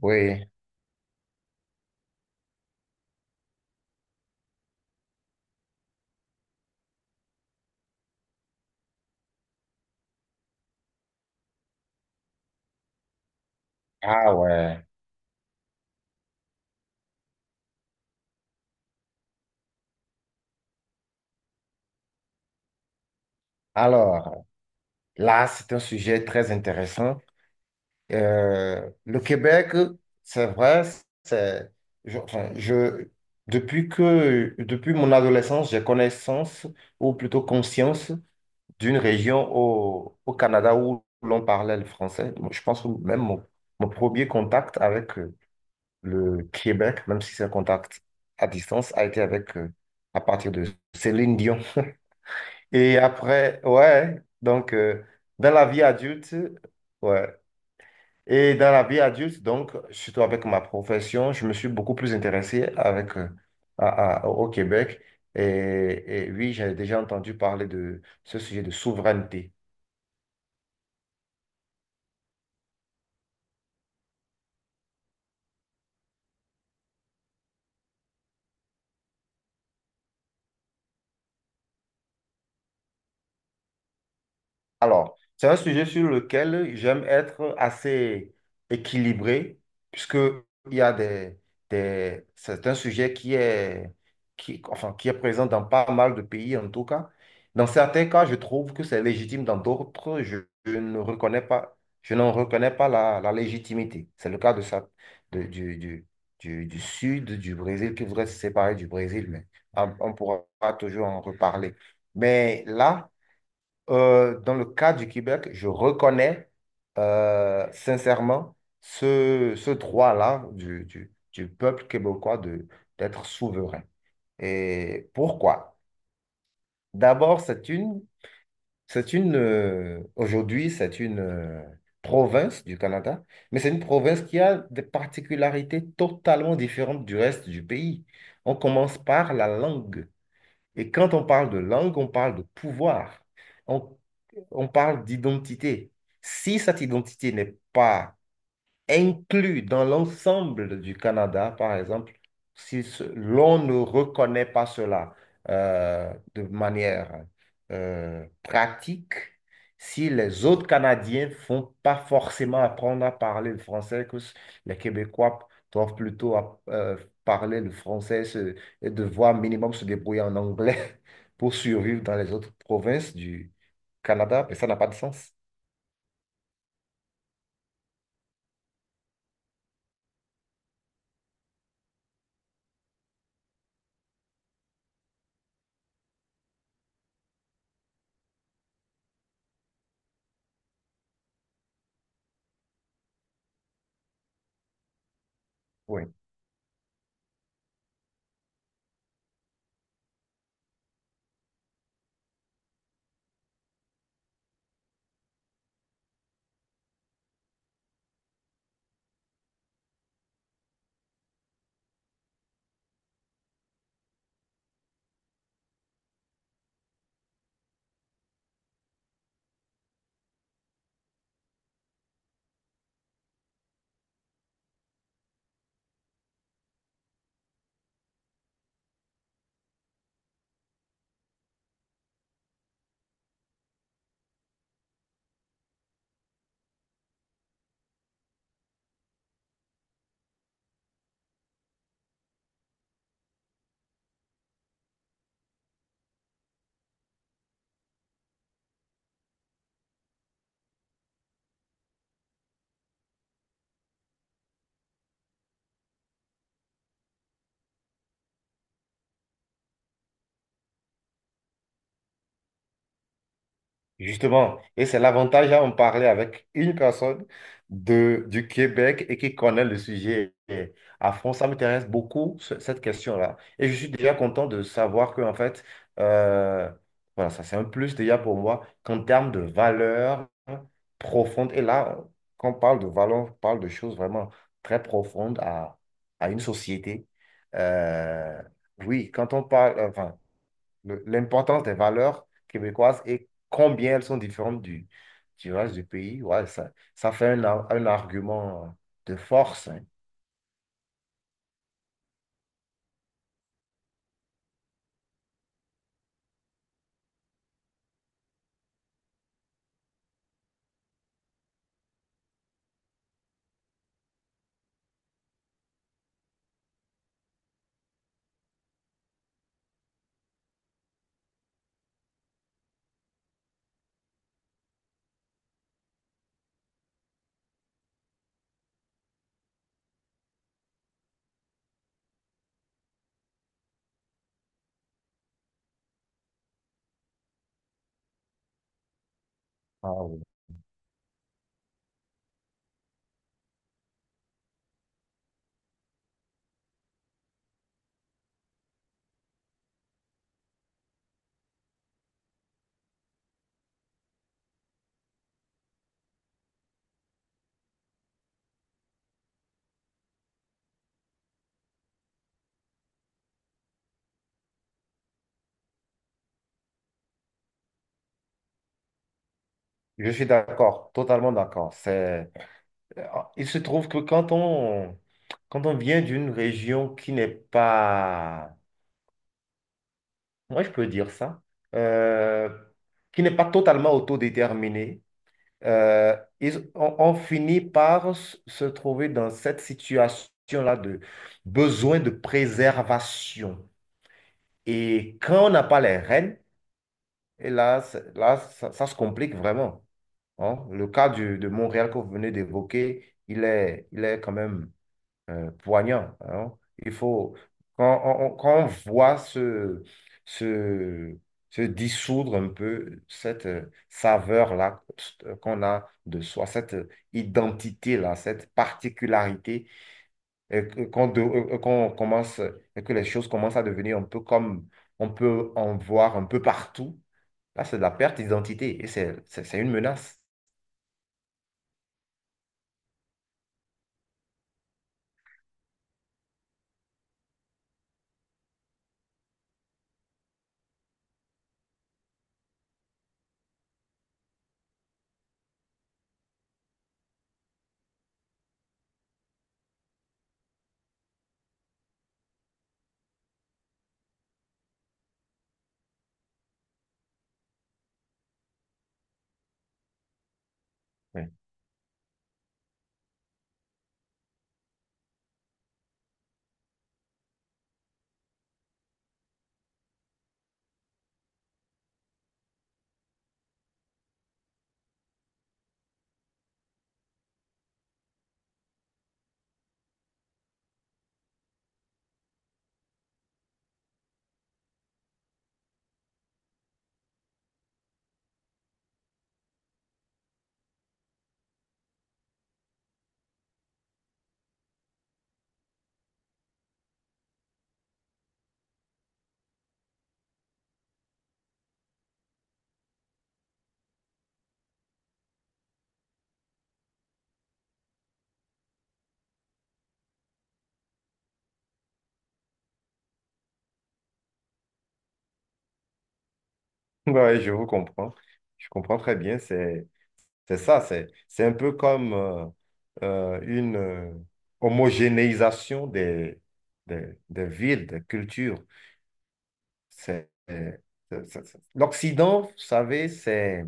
Oui, ah ouais. Alors, là, c'est un sujet très intéressant. Le Québec, c'est vrai, c'est, je, enfin, je- depuis depuis mon adolescence, j'ai connaissance, ou plutôt conscience, d'une région au Canada où l'on parlait le français. Je pense que même mon premier contact avec le Québec, même si c'est un contact à distance, a été avec, à partir de Céline Dion. Et après, ouais, donc dans la vie adulte, ouais. Et dans la vie adulte, donc, surtout avec ma profession, je me suis beaucoup plus intéressé avec, au Québec. Et, et oui, j'ai déjà entendu parler de ce sujet de souveraineté. Alors, c'est un sujet sur lequel j'aime être assez équilibré, puisque il y a des- c'est un sujet qui, enfin, qui est présent dans pas mal de pays, en tout cas. Dans certains cas, je trouve que c'est légitime, dans d'autres, je ne reconnais pas, je n'en reconnais pas la légitimité. C'est le cas de ça, de- du, du, du sud du Brésil, qui voudrait se séparer du Brésil, mais on pourra toujours en reparler. Mais là, dans le cas du Québec, je reconnais sincèrement ce droit-là du peuple québécois d'être souverain. Et pourquoi? D'abord, c'est une, aujourd'hui, c'est une province du Canada, mais c'est une province qui a des particularités totalement différentes du reste du pays. On commence par la langue. Et quand on parle de langue, on parle de pouvoir. On, on parle d'identité. Si cette identité n'est pas inclus dans l'ensemble du Canada, par exemple, si l'on ne reconnaît pas cela de manière pratique, si les autres Canadiens font pas forcément apprendre à parler le français, les Québécois doivent plutôt parler le français et devoir minimum se débrouiller en anglais pour survivre dans les autres provinces du Canada, mais ça n'a pas de sens. Oui. Justement, et c'est l'avantage à en parler avec une personne du Québec et qui connaît le sujet à fond. Ça m'intéresse beaucoup, cette question-là. Et je suis déjà content de savoir que, en fait, euh, voilà, ça c'est un plus déjà pour moi qu'en termes de valeur profonde. Et là, quand on parle de valeur, on parle de choses vraiment très profondes à une société. Euh, oui, quand on parle, enfin, l'importance des valeurs québécoises et combien elles sont différentes du reste du pays. Ouais, ça fait un argument de force, hein. Ah oui. Je suis d'accord, totalement d'accord. C'est… euh, Il se trouve que quand on vient d'une région qui n'est pas, moi je peux dire ça, euh, qui n'est pas totalement autodéterminée, on finit par se trouver dans cette situation-là de besoin de préservation. Et quand on n'a pas les rênes, et là, c'est- là ça, ça se complique vraiment, hein. Le cas de Montréal que vous venez d'évoquer, il est quand même poignant, hein. Il faut, quand on voit se, se dissoudre un peu cette saveur-là qu'on a de soi, cette identité-là, cette particularité, et qu'on commence, et que les choses commencent à devenir un peu comme on peut en voir un peu partout, là, c'est de la perte d'identité et c'est une menace. Ouais. Ouais, je vous comprends. Je comprends très bien. C'est c'est un peu comme une homogénéisation des villes, des cultures. C'est, c'est- L'Occident, vous savez, c'est,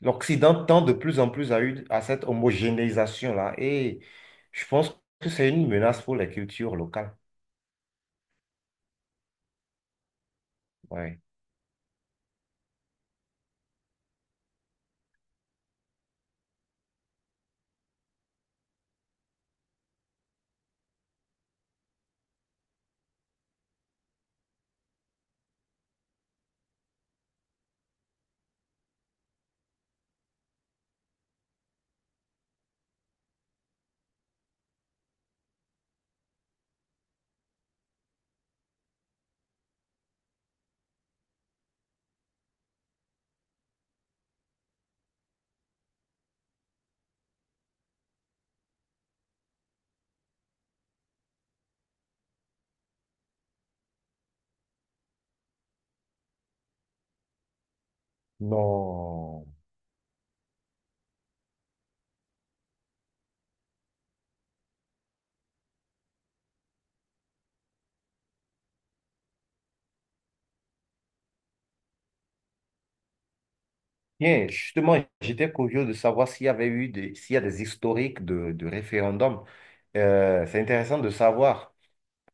l'Occident tend de plus en plus à cette homogénéisation-là. Et je pense que c'est une menace pour les cultures locales. Ouais. Non. Bien, justement, j'étais curieux de savoir s'il y a des historiques de référendums. C'est intéressant de savoir.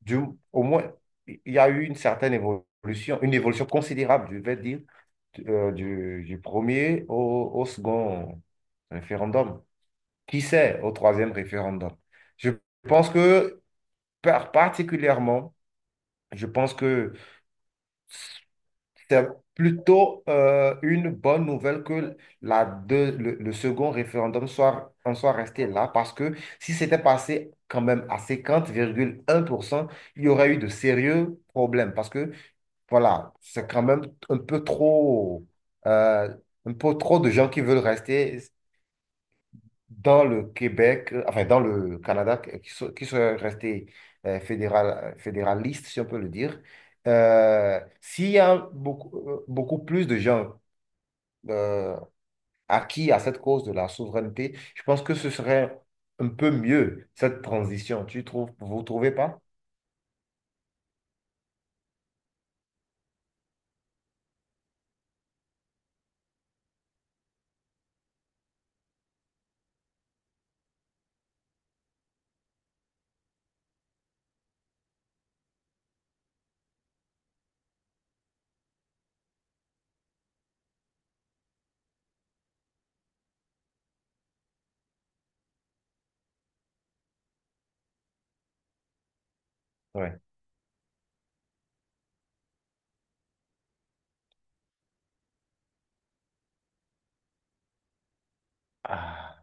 du, Au moins, il y a eu une certaine évolution, une évolution considérable, je vais dire, du premier au second référendum. Qui sait au troisième référendum? Je pense que, par- Particulièrement, je pense que c'est plutôt une bonne nouvelle que le second référendum soit, en soit resté là, parce que si c'était passé quand même à 50,1%, il y aurait eu de sérieux problèmes, parce que voilà, c'est quand même euh, un peu trop de gens qui veulent rester dans le Québec, enfin dans le Canada, qui sont restés fédéralistes, si on peut le dire. S'il y a beaucoup plus de gens euh, acquis à cette cause de la souveraineté, je pense que ce serait un peu mieux, cette transition. Vous trouvez pas? Ouais. Ah,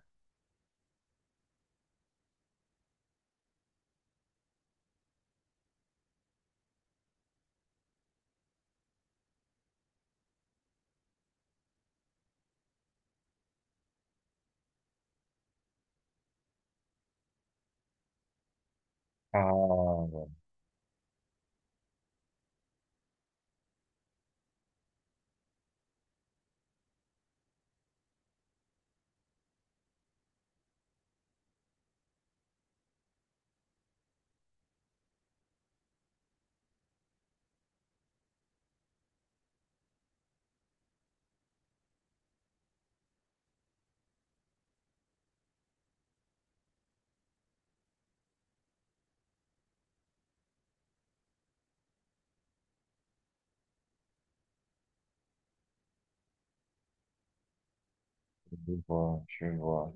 ah, je vois.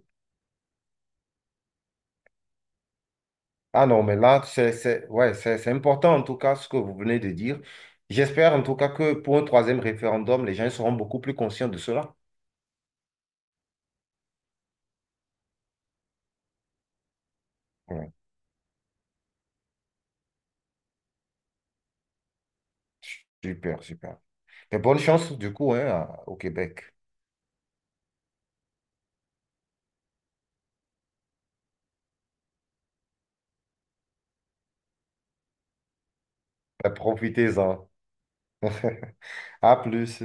Ah non, mais là, c'est important en tout cas ce que vous venez de dire. J'espère en tout cas que pour un troisième référendum, les gens seront beaucoup plus conscients de cela. Ouais. Super, super. Et bonne chance du coup, hein, au Québec. Ben, profitez-en. À plus.